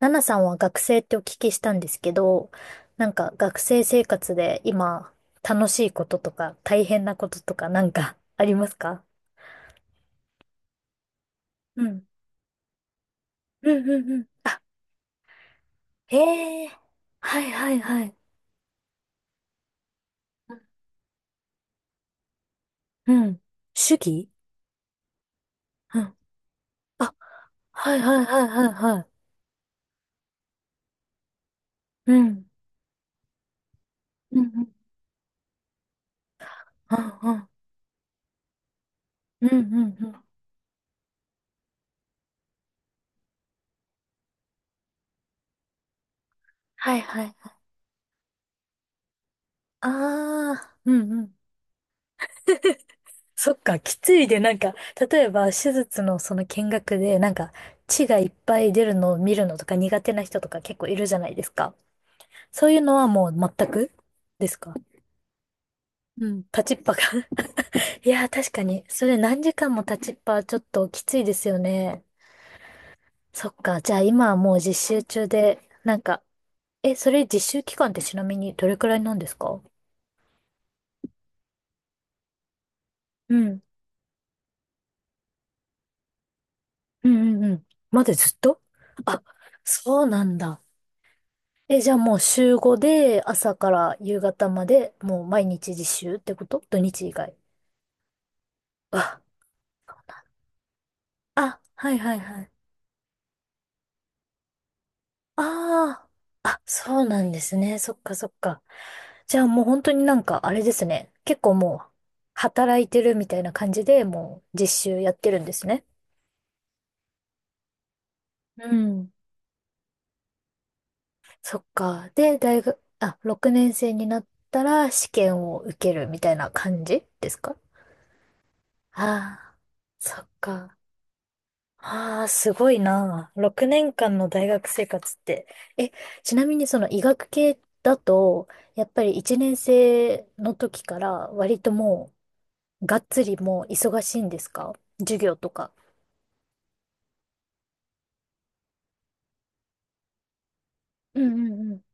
ナナさんは学生ってお聞きしたんですけど、なんか学生生活で今楽しいこととか大変なこととかなんか ありますか？うん。うんうんうん。あ、へえ。はいはいはい。うん。主義。うん。あ、はいはいはいはいはい。うん。うんうん。うんうん。うんうんうん。はいはい。ああ、うんうん。そっか、きついで、なんか、例えば、手術のその見学で、なんか、血がいっぱい出るのを見るのとか苦手な人とか結構いるじゃないですか。そういうのはもう全くですか？うん。立ちっぱが いやー、確かに。それ何時間も立ちっぱはちょっときついですよね。そっか。じゃあ今はもう実習中で、なんか、え、それ実習期間ってちなみにどれくらいなんですか？うん。うんうんうん。まだずっと。あ、そうなんだ。え、じゃあもう週5で朝から夕方までもう毎日実習ってこと土日以外。あ、そうなんあ、はいはいはい。ああ、あ、そうなんですね。そっかそっか。じゃあもう本当になんかあれですね。結構もう働いてるみたいな感じでもう実習やってるんですね。うん。そっか。で、大学、あ、6年生になったら試験を受けるみたいな感じですか？ああー、そっか。ああ、すごいな。6年間の大学生活って。え、ちなみにその医学系だと、やっぱり1年生の時から割ともう、がっつりもう忙しいんですか？授業とか。うんうんうん。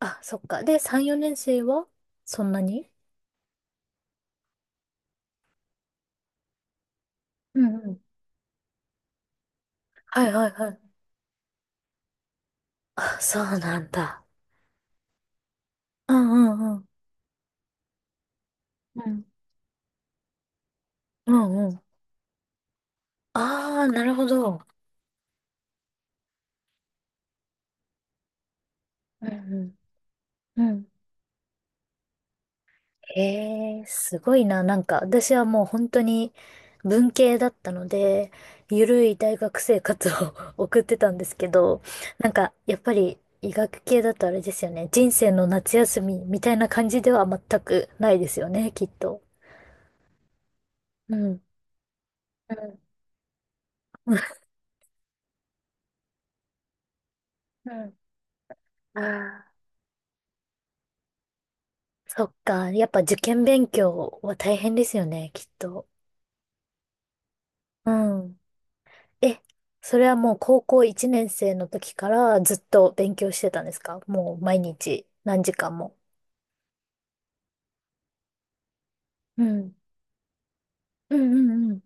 あ、そっか。で、3、4年生はそんなに。うんうん。はいはいはい。あ、そうなんだ。うんうんうん。うんうんうん。ああ、なるほど。うんうんうん。ええすごいな。なんか、私はもう本当に文系だったので、ゆるい大学生活を 送ってたんですけど、なんか、やっぱり医学系だとあれですよね。人生の夏休みみたいな感じでは全くないですよね、きっと。うん。うん。うん。ああ、そっか。やっぱ受験勉強は大変ですよね、きっと。うん。え、それはもう高校1年生の時からずっと勉強してたんですか？もう毎日何時間も。うん。うんうんうん。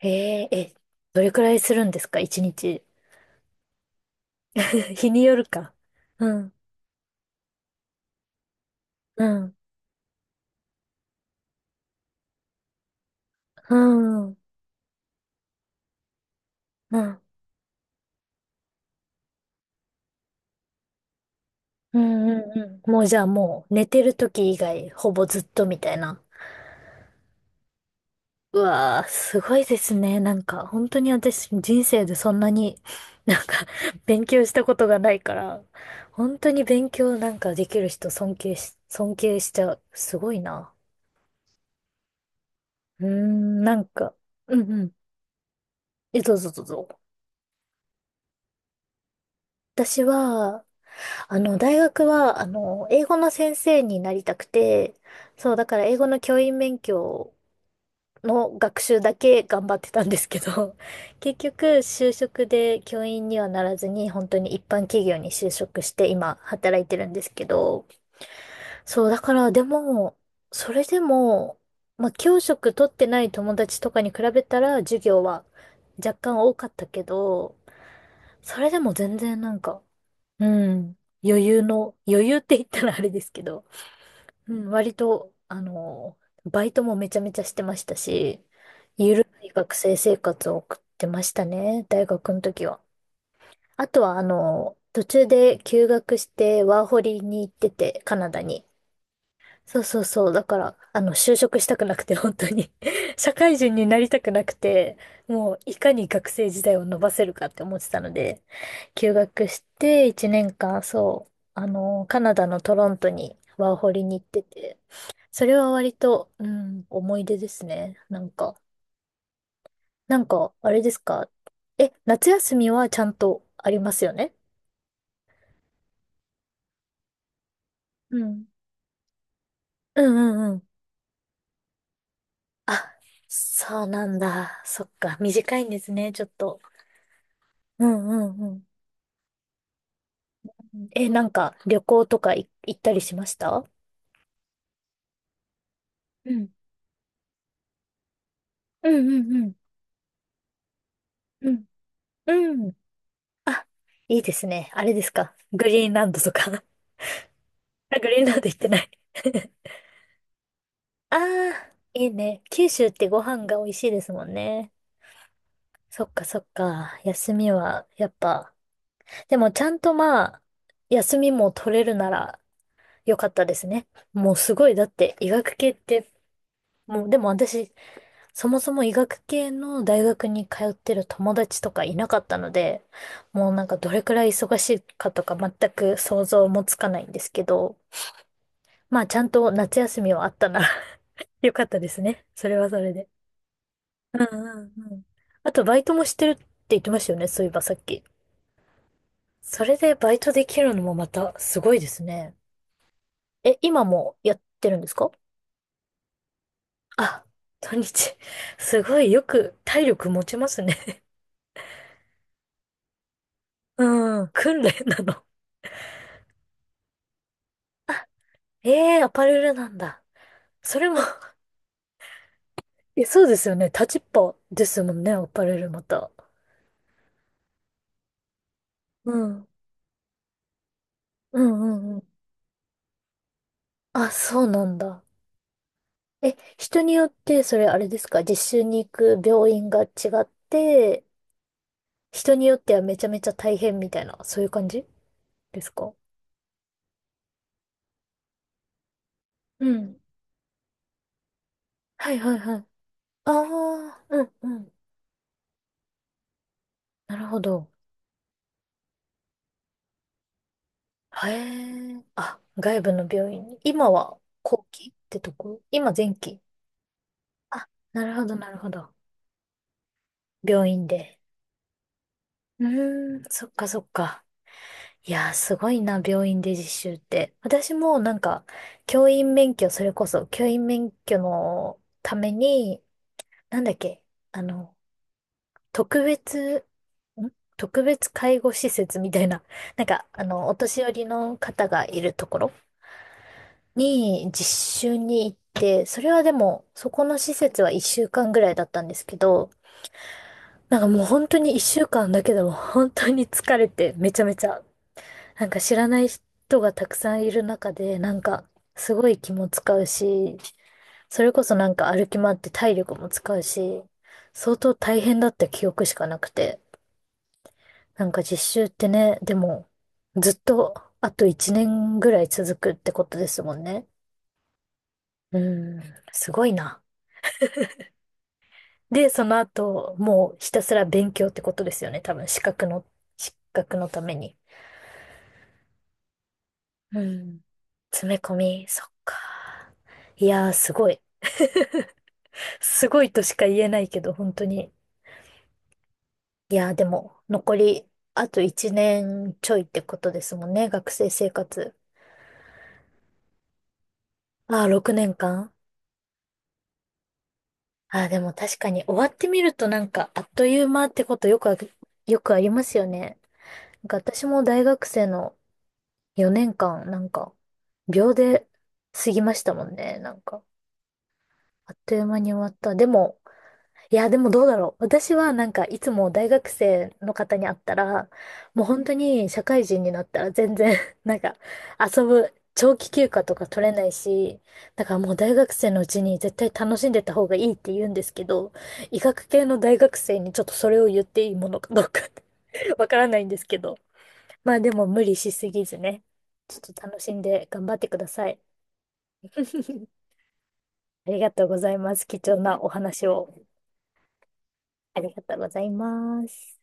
え、ええ、どれくらいするんですか1日？日によるか。うん。うん。うん。うん。うんうんうん。もうじゃあもう寝てる時以外ほぼずっとみたいな。うわー、すごいですね。なんか、本当に私、人生でそんなに、なんか、勉強したことがないから、本当に勉強なんかできる人尊敬しちゃう。すごいな。うーん、なんか、うんうん。え、どうぞどうぞ。私は、大学は、英語の先生になりたくて、そう、だから英語の教員免許の学習だけ頑張ってたんですけど、結局就職で教員にはならずに本当に一般企業に就職して今働いてるんですけど、そうだからでも、それでも、まあ教職取ってない友達とかに比べたら授業は若干多かったけど、それでも全然なんか、うん、余裕って言ったらあれですけど、うん、割と、バイトもめちゃめちゃしてましたし、ゆるい学生生活を送ってましたね、大学の時は。あとは、途中で休学してワーホリに行ってて、カナダに。そうそうそう。だから、就職したくなくて、本当に 社会人になりたくなくて、もう、いかに学生時代を伸ばせるかって思ってたので、休学して、1年間、そう、カナダのトロントにワーホリに行ってて、それは割と、うん、思い出ですね。なんか、あれですか？え、夏休みはちゃんとありますよね？うん。うんうんうん。あ、そうなんだ。そっか、短いんですね、ちょっと。うんうんうん。え、なんか旅行とか行ったりしました？うん。うんうんうん。うん。うん。あ、いいですね。あれですか。グリーンランドとか。あ、グリーンランド行ってない。 ああ、いいね。九州ってご飯が美味しいですもんね。そっかそっか。休みは、やっぱ。でもちゃんとまあ、休みも取れるなら良かったですね。もうすごい。だって医学系って、もうでも私そもそも医学系の大学に通ってる友達とかいなかったので、もうなんかどれくらい忙しいかとか全く想像もつかないんですけど、まあちゃんと夏休みはあったなら よかったですね。それはそれで。うんうんうん。あとバイトもしてるって言ってましたよね、そういえばさっき。それでバイトできるのもまたすごいですね。え、今もやってるんですか？あ、土日。すごいよく体力持ちますね。うん、訓練なの？ええアパレルなんだ。それも え、そうですよね。立ちっぱですもんね、アパレルまた。うん。うんうんうん。あ、そうなんだ。え、人によって、それあれですか、実習に行く病院が違って、人によってはめちゃめちゃ大変みたいな、そういう感じですか？うん。はいはいはい。ああ、うんうん。なるほど。へえ。あ、外部の病院に。今は後期ってとこ？今前期？あ、なるほどなるほど。病院で。うーん、そっかそっか。いやー、すごいな、病院で実習って。私もなんか、教員免許、それこそ、教員免許のために、なんだっけ、あの、特別、ん特別介護施設みたいな、なんか、お年寄りの方がいるところに実習に行って、それはでも、そこの施設は一週間ぐらいだったんですけど、なんかもう本当に一週間だけでも本当に疲れてめちゃめちゃなんか知らない人がたくさんいる中で、なんかすごい気も使うし、それこそなんか歩き回って体力も使うし、相当大変だった記憶しかなくて。なんか実習ってね、でもずっとあと1年ぐらい続くってことですもんね。うん、すごいな。で、その後、もうひたすら勉強ってことですよね。多分資格のために。うん。詰め込み、そっか。いやー、すごい。すごいとしか言えないけど、本当に。いや、でも、残り、あと1年ちょいってことですもんね、学生生活。ああ、6年間。ああ、でも確かに終わってみるとなんか、あっという間ってことよくありますよね。なんか私も大学生の4年間、なんか、秒で過ぎましたもんね、なんか。あっという間に終わった。でも、いや、でもどうだろう。私はなんかいつも大学生の方に会ったら、もう本当に社会人になったら全然 なんか遊ぶ長期休暇とか取れないし、だからもう大学生のうちに絶対楽しんでた方がいいって言うんですけど、医学系の大学生にちょっとそれを言っていいものかどうか わからないんですけど、まあでも無理しすぎずね、ちょっと楽しんで頑張ってください。ありがとうございます。貴重なお話をありがとうございます。